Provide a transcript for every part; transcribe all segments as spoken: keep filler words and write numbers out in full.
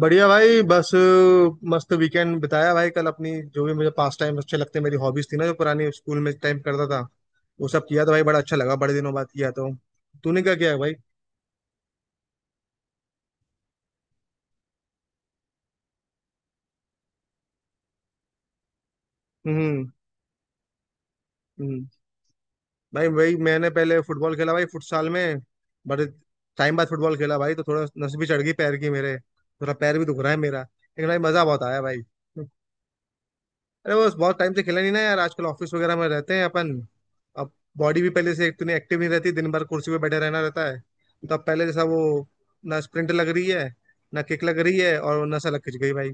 बढ़िया भाई। बस मस्त वीकेंड बिताया भाई। कल अपनी जो भी मुझे पास टाइम अच्छे लगते, मेरी हॉबीज थी ना जो पुरानी स्कूल में टाइम करता था, वो सब किया तो भाई बड़ा अच्छा लगा। बड़े दिनों बाद किया तो। तूने क्या किया है भाई? हम्म। हम्म। भाई भाई मैंने पहले फुटबॉल खेला भाई, फुटसाल में। बड़े टाइम बाद फुटबॉल खेला भाई, तो थोड़ा नस भी चढ़ गई पैर की मेरे। थोड़ा पैर भी दुख रहा है मेरा, लेकिन भाई मजा बहुत आया भाई। अरे बस बहुत टाइम से खेला नहीं ना यार। आजकल ऑफिस वगैरह में रहते हैं अपन। अब बॉडी भी पहले से इतनी एक्टिव नहीं रहती, दिन भर कुर्सी पे बैठे रहना रहता है। तो अब पहले जैसा वो, ना स्प्रिंट लग रही है ना किक लग रही है, और नसा लग खिंच गई भाई।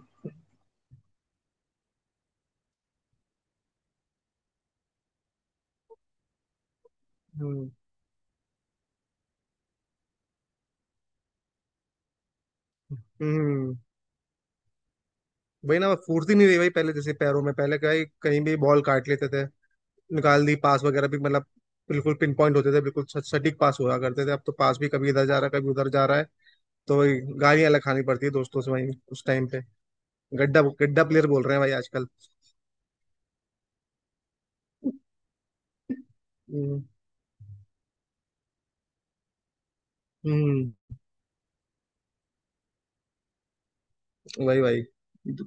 हम्म। हम्म। वही ना, फुर्ती नहीं रही भाई पहले जैसे पैरों में। पहले कहीं कहीं भी बॉल काट लेते थे, निकाल दी, पास वगैरह भी मतलब बिल्कुल पिन पॉइंट होते थे, बिल्कुल स- सटीक पास हुआ करते थे। अब तो पास भी कभी इधर जा रहा है कभी उधर जा रहा है, तो गालियां अलग खानी पड़ती है दोस्तों से वहीं उस टाइम पे। गड्ढा गड्ढा प्लेयर बोल रहे हैं भाई आजकल। हम्म। हम्म। वही वही।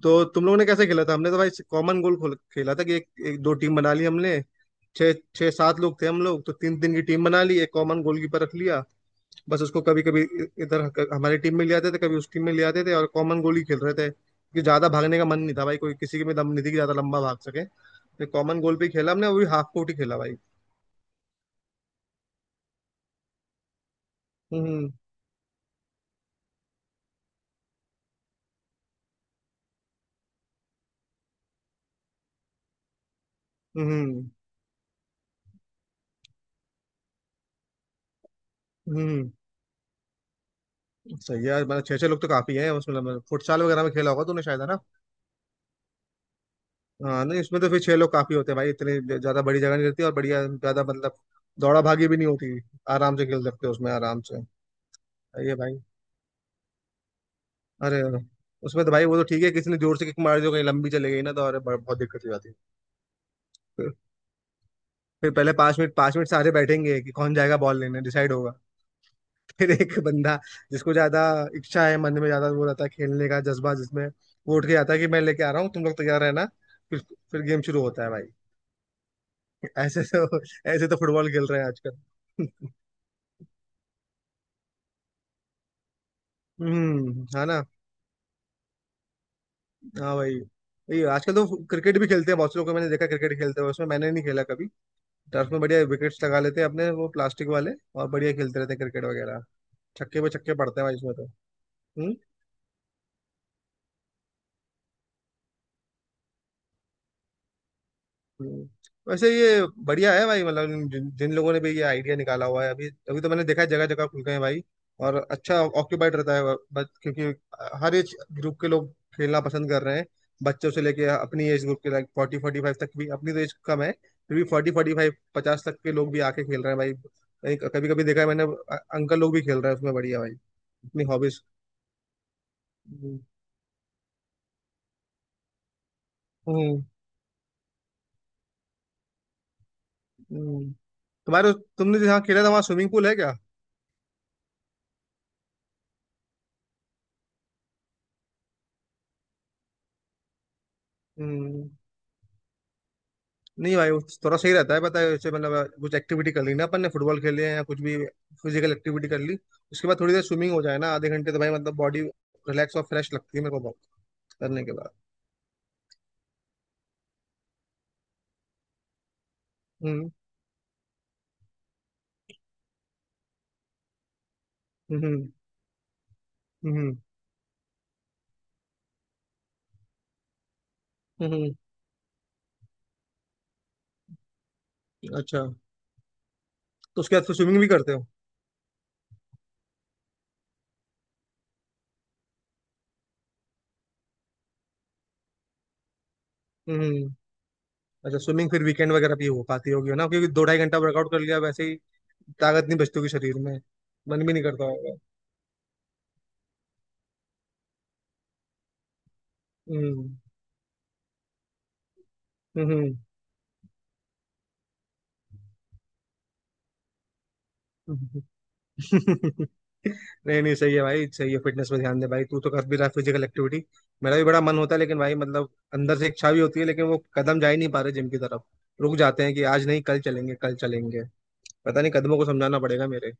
तो तुम लोगों ने कैसे खेला था? हमने तो भाई कॉमन गोल खोल खेला था कि एक, एक दो टीम बना ली हमने। छः छः सात लोग थे हम लोग, तो तीन तीन की टीम बना ली, एक कॉमन गोलकीपर रख लिया। बस उसको कभी कभी इधर क- हमारी टीम में ले आते थे, कभी उस टीम में ले आते थे, और कॉमन गोल ही खेल रहे थे। कि ज्यादा भागने का मन नहीं था भाई, कोई किसी के में दम नहीं थी कि ज्यादा लंबा भाग सके, तो कॉमन गोल पे ही खेला हमने, वो भी हाफ कोर्ट ही खेला भाई। हम्म। हम्म। हम्म। हम्म। सही है यार, मतलब छः छः लोग तो काफी है उसमें, मतलब फुटसाल वगैरह में खेला होगा तूने शायद, है ना? हाँ, नहीं उसमें तो फिर छह लोग काफी होते हैं भाई। इतनी ज्यादा बड़ी जगह नहीं रहती, और बढ़िया, ज्यादा मतलब दौड़ा भागी भी नहीं होती। आराम से खेल सकते हो उसमें, आराम से। सही है भाई। अरे उसमें तो भाई वो तो ठीक है, किसी ने जोर से किक मार दी हो, कहीं लंबी चले गई ना, तो अरे ब- बहुत दिक्कत हो जाती है। फिर फिर पहले पांच मिनट पांच मिनट सारे बैठेंगे कि कौन जाएगा बॉल लेने, डिसाइड होगा। फिर एक बंदा, जिसको ज्यादा इच्छा है मन में, ज्यादा वो रहता है खेलने का जज्बा जिसमें, वो उठ के आता है कि मैं लेके आ रहा हूँ, तुम लोग तैयार रहना। फिर फिर गेम शुरू होता है भाई। ऐसे तो ऐसे तो फुटबॉल खेल रहे हैं आजकल। हम्म, है ना? हाँ भाई। ये आजकल तो क्रिकेट भी खेलते हैं, बहुत से लोग को मैंने देखा क्रिकेट खेलते हुए। उसमें मैंने नहीं खेला कभी। टर्फ में बढ़िया विकेट्स लगा लेते हैं अपने, वो प्लास्टिक वाले, और बढ़िया खेलते रहते हैं क्रिकेट वगैरह। छक्के पे छक्के पड़ते हैं भाई इसमें तो। हम्म? हम्म। वैसे ये बढ़िया है भाई, मतलब जिन, जिन लोगों ने भी ये आइडिया निकाला हुआ है, अभी अभी तो मैंने देखा है जगह जगह खुल गए हैं भाई। और अच्छा ऑक्यूपाइड रहता है बस, क्योंकि हर एज ग्रुप के लोग खेलना पसंद कर रहे हैं। बच्चों से लेके अपनी एज ग्रुप के, लाइक फोर्टी फोर्टी फाइव तक भी। अपनी तो एज कम है, फिर भी फोर्टी फोर्टी फाइव पचास तक के लोग भी आके खेल रहे हैं भाई। कभी कभी देखा है मैंने अ- अंकल लोग भी खेल रहे हैं उसमें, बढ़िया भाई। अपनी हॉबीज। हम्म। हम्म। हम्म। तुम्हारे तुमने जहाँ खेला था वहाँ स्विमिंग पूल है क्या? हम्म। नहीं भाई, वो तो थोड़ा सही रहता है, पता है? जैसे मतलब कुछ एक्टिविटी कर ली ना अपन ने, फुटबॉल खेले या कुछ भी फिजिकल एक्टिविटी कर ली, उसके बाद थोड़ी देर स्विमिंग हो जाए ना, आधे घंटे, तो भाई मतलब बॉडी रिलैक्स और फ्रेश लगती है मेरे को बहुत, करने के बाद। हम्म। हम्म। हम्म। हम्म। हम्म। हम्म। अच्छा। तो उसके बाद फिर स्विमिंग भी करते हो? हम्म। हम्म। अच्छा, स्विमिंग फिर वीकेंड वगैरह भी हो पाती होगी ना, क्योंकि दो ढाई घंटा वर्कआउट कर लिया वैसे ही, ताकत नहीं बचती होगी शरीर में, मन भी नहीं करता होगा। हम्म। हम्म। हम्म। नहीं नहीं, सही है भाई, सही है। फिटनेस पे ध्यान दे भाई, तू तो कर भी रहा है फिजिकल एक्टिविटी। मेरा भी बड़ा मन होता है लेकिन भाई, मतलब अंदर से इच्छा भी होती है लेकिन वो कदम जा ही नहीं पा रहे जिम की तरफ। रुक जाते हैं कि आज नहीं कल चलेंगे, कल चलेंगे। पता नहीं, कदमों को समझाना पड़ेगा मेरे।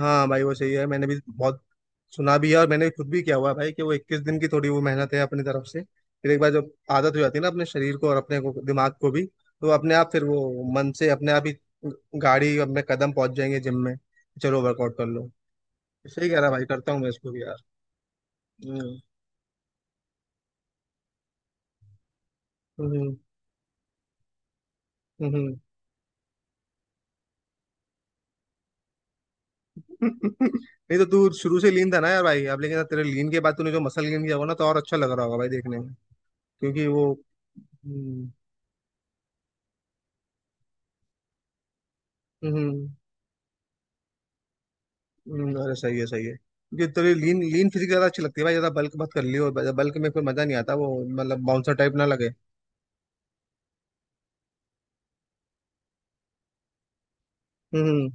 हाँ भाई वो सही है, मैंने भी बहुत सुना भी है, और मैंने खुद भी किया हुआ है भाई, कि वो इक्कीस दिन की थोड़ी वो मेहनत है अपनी तरफ से। फिर एक बार जब आदत हो जाती है ना अपने शरीर को और अपने को दिमाग को भी, तो अपने आप फिर वो मन से अपने आप ही गाड़ी, अपने कदम पहुंच जाएंगे जिम में, चलो वर्कआउट कर लो। सही कह रहा भाई, करता हूँ मैं इसको भी यार। हम्म। हम्म। हम्म। नहीं, तो तू शुरू से लीन था ना यार भाई, अब लेकिन तेरे लीन के बाद तूने जो मसल गेन किया होगा ना, तो और अच्छा लग रहा होगा भाई देखने में, क्योंकि वो। हम्म। हम्म। हम्म। अरे सही है, सही है, क्योंकि तेरी लीन लीन फिजिक ज्यादा अच्छी लगती है भाई, ज्यादा बल्क मत कर लियो, बल्क में फिर मजा नहीं आता, वो मतलब बाउंसर टाइप ना लगे। हम्म।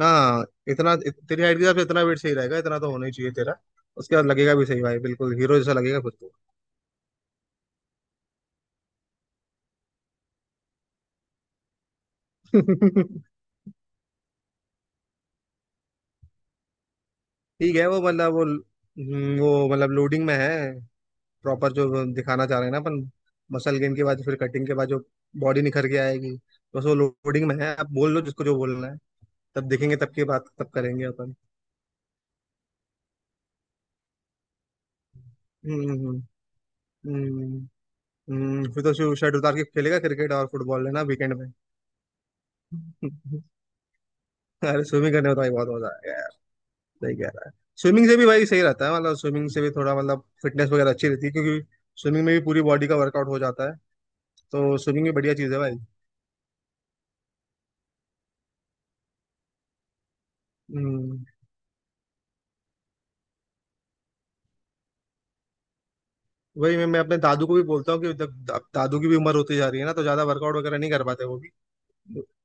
हाँ, इतना इत, तेरी हाइट के हिसाब से इतना वेट सही रहेगा, इतना तो होना ही चाहिए तेरा। उसके बाद लगेगा भी सही भाई, बिल्कुल हीरो जैसा लगेगा खुद को। ठीक है, वो मतलब वो हम्म, वो मतलब लोडिंग में है, प्रॉपर जो दिखाना चाह रहे हैं ना अपन। मसल गेन के बाद, फिर कटिंग के बाद जो बॉडी निखर के आएगी, तो बस वो लोडिंग में है, आप बोल लो जिसको जो बोलना है। तब देखेंगे, तब की बात तब करेंगे अपन। हम्म। हम्म। हम्म। हम्म। हम्म। फिर तो शर्ट उतार के खेलेगा क्रिकेट और फुटबॉल लेना वीकेंड में। अरे स्विमिंग करने में तो भाई बहुत मजा आएगा यार। सही कह रहा है। स्विमिंग से भी भाई सही रहता है, मतलब स्विमिंग से भी थोड़ा मतलब फिटनेस वगैरह अच्छी रहती है, क्योंकि स्विमिंग में भी पूरी बॉडी का वर्कआउट हो जाता है। तो स्विमिंग भी बढ़िया चीज़ है भाई। हम्म। वही मैं मैं अपने दादू को भी बोलता हूँ कि जब अब दादू की भी उम्र होती जा रही है ना, तो ज्यादा वर्कआउट वगैरह नहीं कर पाते वो भी,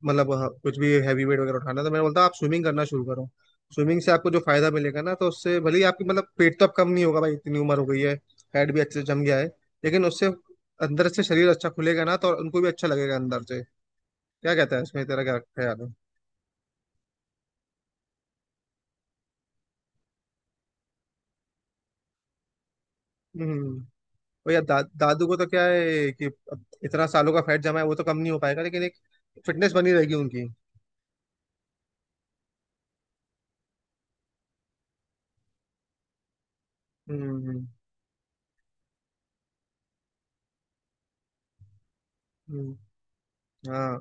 मतलब हाँ, कुछ भी हैवी वेट वगैरह उठाना, तो मैं बोलता हूँ आप स्विमिंग करना शुरू करो। स्विमिंग से आपको जो फायदा मिलेगा ना, तो उससे भले ही आपकी मतलब पेट तो अब कम नहीं होगा भाई, इतनी उम्र हो गई है, फैट भी अच्छे से जम गया है, लेकिन उससे अंदर से शरीर अच्छा खुलेगा ना, तो उनको भी अच्छा लगेगा अंदर से। क्या कहता है इसमें, तेरा क्या ख्याल है? हम्म। भैया दा, दादू को तो क्या है कि अब इतना सालों का फैट जमा है, वो तो कम नहीं हो पाएगा, लेकिन एक फिटनेस बनी रहेगी उनकी। हम्म। हम्म। हाँ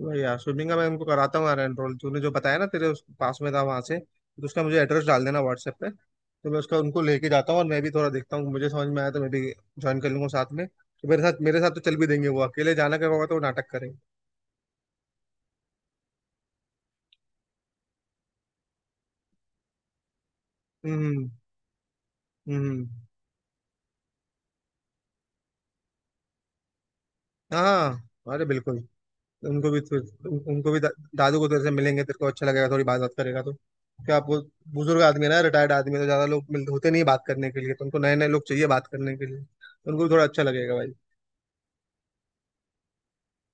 वही यार, स्विमिंग का मैं उनको कराता हूँ यार एनरोल, तूने जो बताया ना तेरे उस पास में था वहां से, तो उसका मुझे एड्रेस डाल देना व्हाट्सएप पे, तो मैं उसका उनको लेके जाता हूँ और मैं भी थोड़ा देखता हूँ, मुझे समझ में आया तो मैं भी ज्वाइन कर लूंगा साथ में। तो मेरे साथ मेरे साथ तो चल भी देंगे वो, अकेले जाना का होगा तो वो नाटक करेंगे। हम्म। हम्म। हाँ हाँ, अरे बिल्कुल। उनको भी उन- उनको भी दा, दादू को तेरे से मिलेंगे, तेरे को अच्छा लगेगा, थोड़ी बात बात करेगा तो। क्या आपको, बुजुर्ग आदमी है ना, रिटायर्ड आदमी है, तो ज्यादा लोग मिलते होते नहीं बात करने के लिए, तो उनको नए नए लोग चाहिए बात करने के लिए, तो उनको भी थोड़ा अच्छा लगेगा भाई।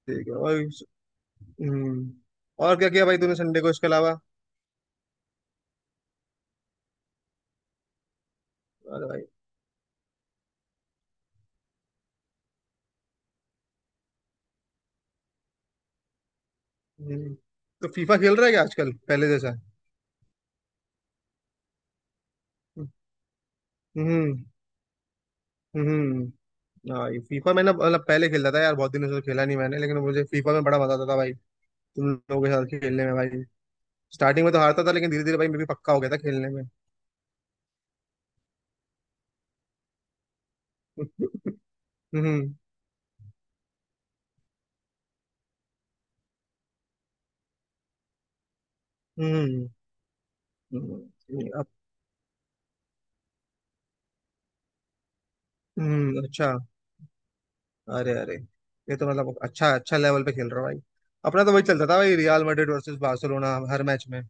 ठीक है। और हम्म और क्या किया भाई तूने संडे को इसके अलावा? अरे भाई। हम्म तो फीफा खेल रहा है क्या आजकल पहले जैसा? हम्म। हम्म। हाँ ये फीफा मैंने मतलब पहले खेलता था यार, बहुत दिनों से तो खेला नहीं मैंने, लेकिन मुझे फीफा में बड़ा मजा आता था भाई, तुम लोगों के साथ खेलने में भाई। स्टार्टिंग में तो हारता था, लेकिन धीरे धीरे भाई मैं भी पक्का हो गया था खेलने में। हम्म। हम्म। हम्म। अब हम्म, अच्छा। अरे अरे, ये तो मतलब अच्छा अच्छा लेवल पे खेल रहा हो भाई। अपना तो वही चलता था भाई, रियल मैड्रिड वर्सेस बार्सिलोना हर मैच में।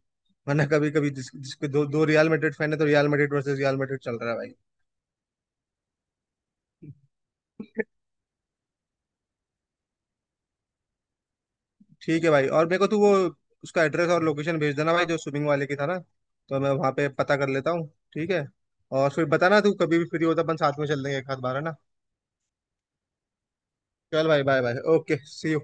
वरना कभी कभी जिस, जिसके दो दो रियल मैड्रिड फैन है, तो Real Madrid versus Real Madrid चल रहा है भाई। ठीक है भाई, और मेरे को तू वो उसका एड्रेस और लोकेशन भेज देना भाई, जो स्विमिंग वाले की था ना, तो मैं वहां पे पता कर लेता हूँ। ठीक है, और फिर बताना तू कभी भी फ्री होता, अपन साथ में चल देंगे एक आध बार, है ना? चल भाई, bye bye, okay, see you.